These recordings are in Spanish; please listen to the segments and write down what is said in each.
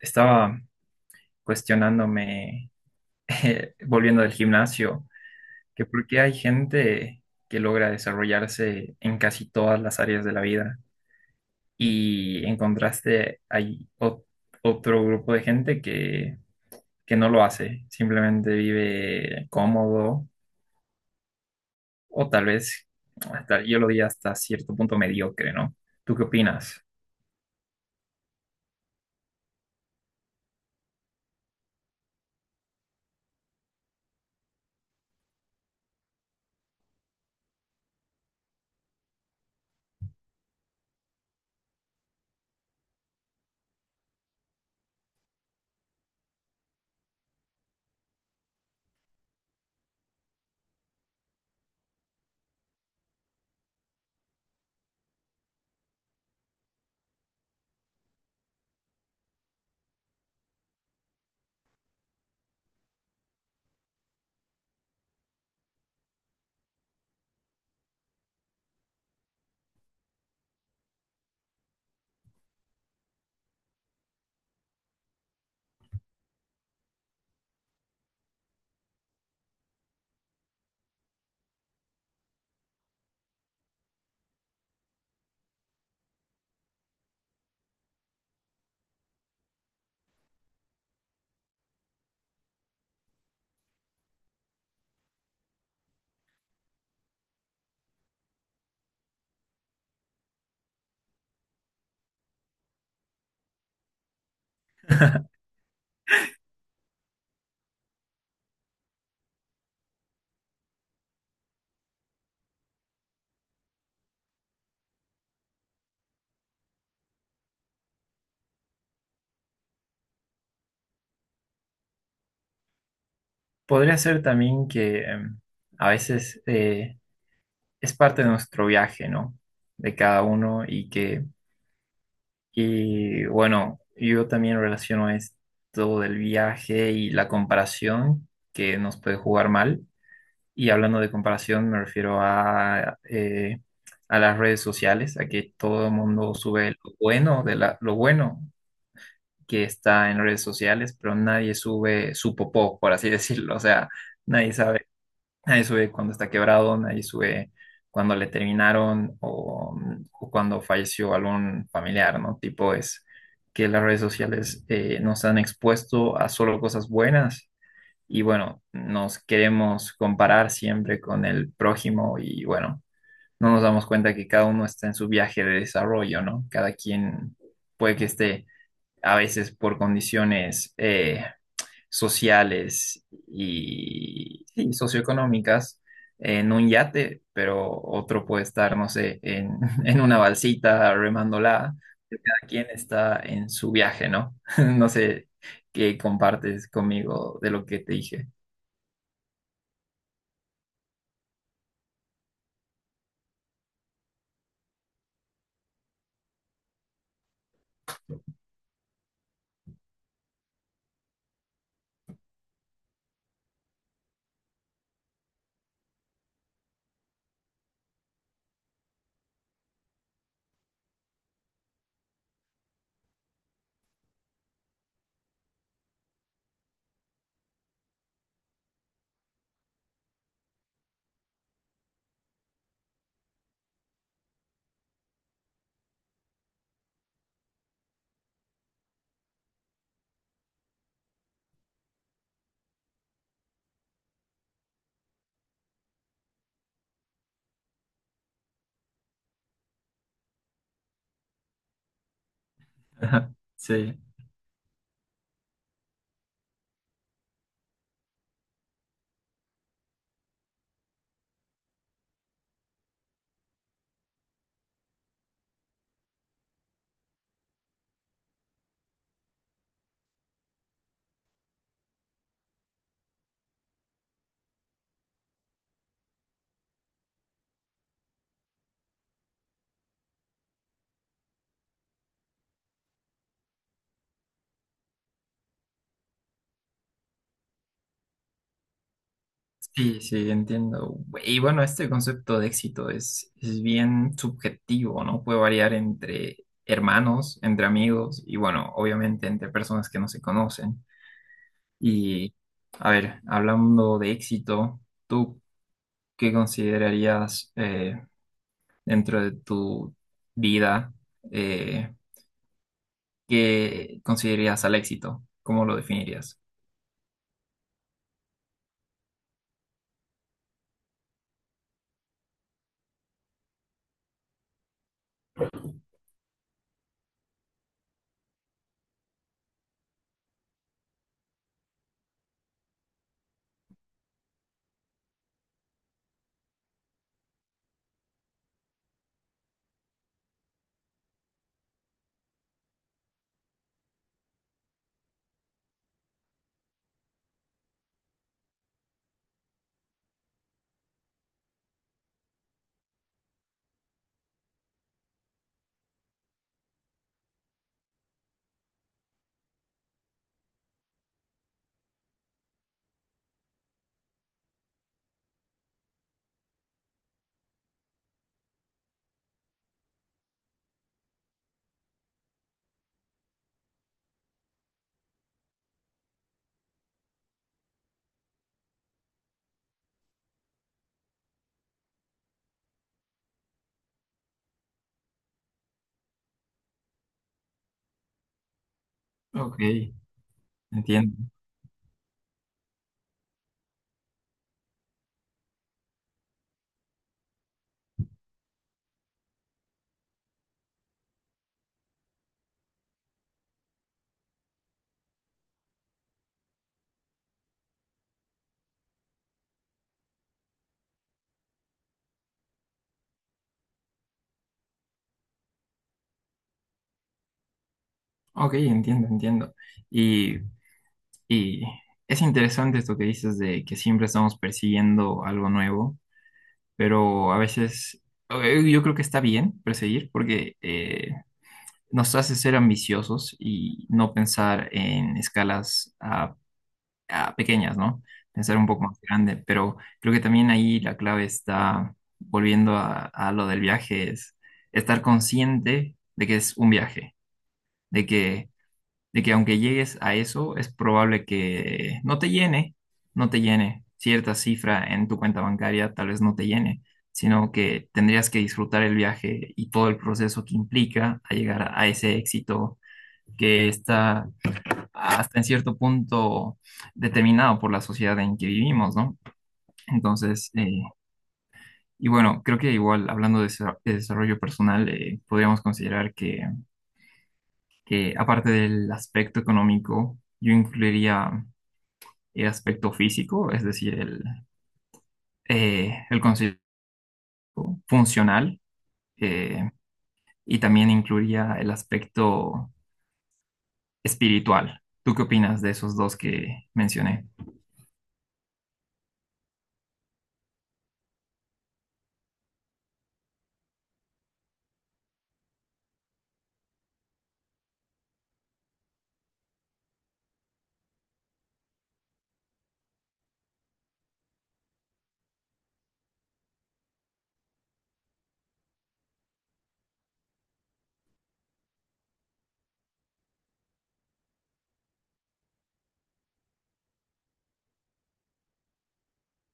Estaba cuestionándome, volviendo del gimnasio, que por qué hay gente que logra desarrollarse en casi todas las áreas de la vida y en contraste hay otro grupo de gente que no lo hace, simplemente vive cómodo o tal vez, hasta, yo lo diría hasta cierto punto mediocre, ¿no? ¿Tú qué opinas? Podría ser también que a veces... es parte de nuestro viaje, ¿no? De cada uno y que, y bueno, yo también relaciono esto del viaje y la comparación que nos puede jugar mal. Y hablando de comparación, me refiero a las redes sociales, a que todo el mundo sube lo bueno de lo bueno que está en redes sociales, pero nadie sube su popó, por así decirlo. O sea, nadie sabe. Nadie sube cuando está quebrado, nadie sube cuando le terminaron o cuando falleció algún familiar, ¿no? Tipo es que las redes sociales nos han expuesto a solo cosas buenas y bueno, nos queremos comparar siempre con el prójimo y bueno, no nos damos cuenta que cada uno está en su viaje de desarrollo, ¿no? Cada quien puede que esté a veces por condiciones... sociales y, sí, socioeconómicas en un yate, pero otro puede estar, no sé, en una balsita remándola. Cada quien está en su viaje, ¿no? No sé qué compartes conmigo de lo que te dije. Ajá, sí. Sí, sí, entiendo. Y bueno, este concepto de éxito es bien subjetivo, ¿no? Puede variar entre hermanos, entre amigos y bueno, obviamente entre personas que no se conocen. Y, a ver, hablando de éxito, ¿tú qué considerarías dentro de tu vida? eh, ¿Qué considerarías al éxito? ¿Cómo lo definirías? Ok, entiendo. Ok, entiendo, entiendo. Y, y es interesante esto que dices de que siempre estamos persiguiendo algo nuevo, pero a veces yo creo que está bien perseguir porque... nos hace ser ambiciosos y no pensar en escalas pequeñas, ¿no? Pensar un poco más grande, pero creo que también ahí la clave está, volviendo a lo del viaje, es estar consciente de que es un viaje, de que, de que aunque llegues a eso, es probable que no te llene, no te llene cierta cifra en tu cuenta bancaria, tal vez no te llene sino que tendrías que disfrutar el viaje y todo el proceso que implica a llegar a ese éxito que está hasta en cierto punto determinado por la sociedad en que vivimos, ¿no? Entonces, y bueno, creo que igual hablando de, de desarrollo personal, podríamos considerar que aparte del aspecto económico, yo incluiría el aspecto físico, es decir, el concepto funcional, eh, y también incluiría el aspecto espiritual. ¿Tú qué opinas de esos dos que mencioné?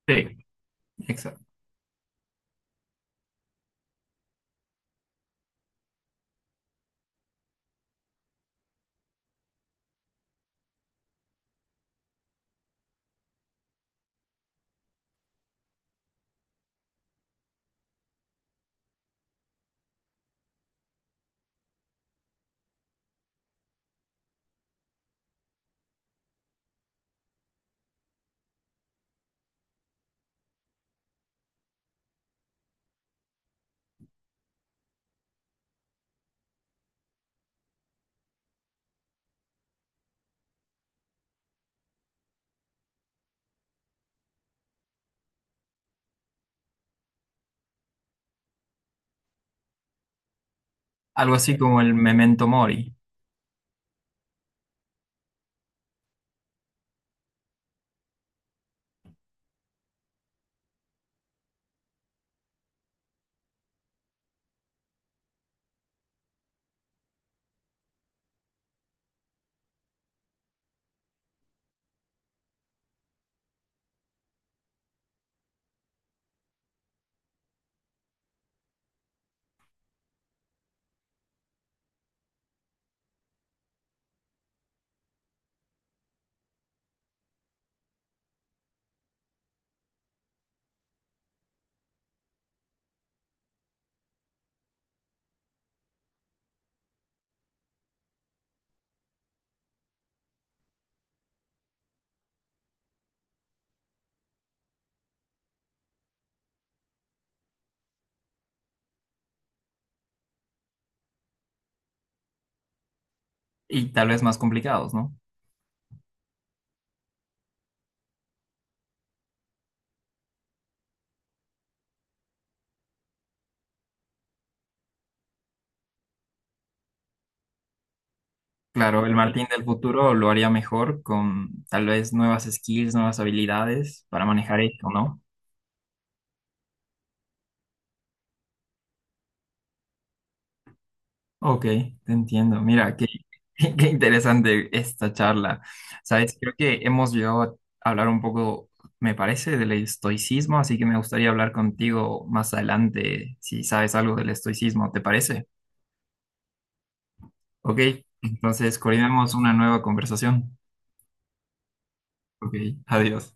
Sí, exacto. Algo así como el Memento Mori. Y tal vez más complicados, ¿no? Claro, el Martín del futuro lo haría mejor con tal vez nuevas skills, nuevas habilidades para manejar esto, ¿no? Ok, te entiendo. Mira, qué, qué interesante esta charla. Sabes, creo que hemos llegado a hablar un poco, me parece, del estoicismo, así que me gustaría hablar contigo más adelante si sabes algo del estoicismo, ¿te parece? Ok, entonces coordinamos una nueva conversación. Ok, adiós.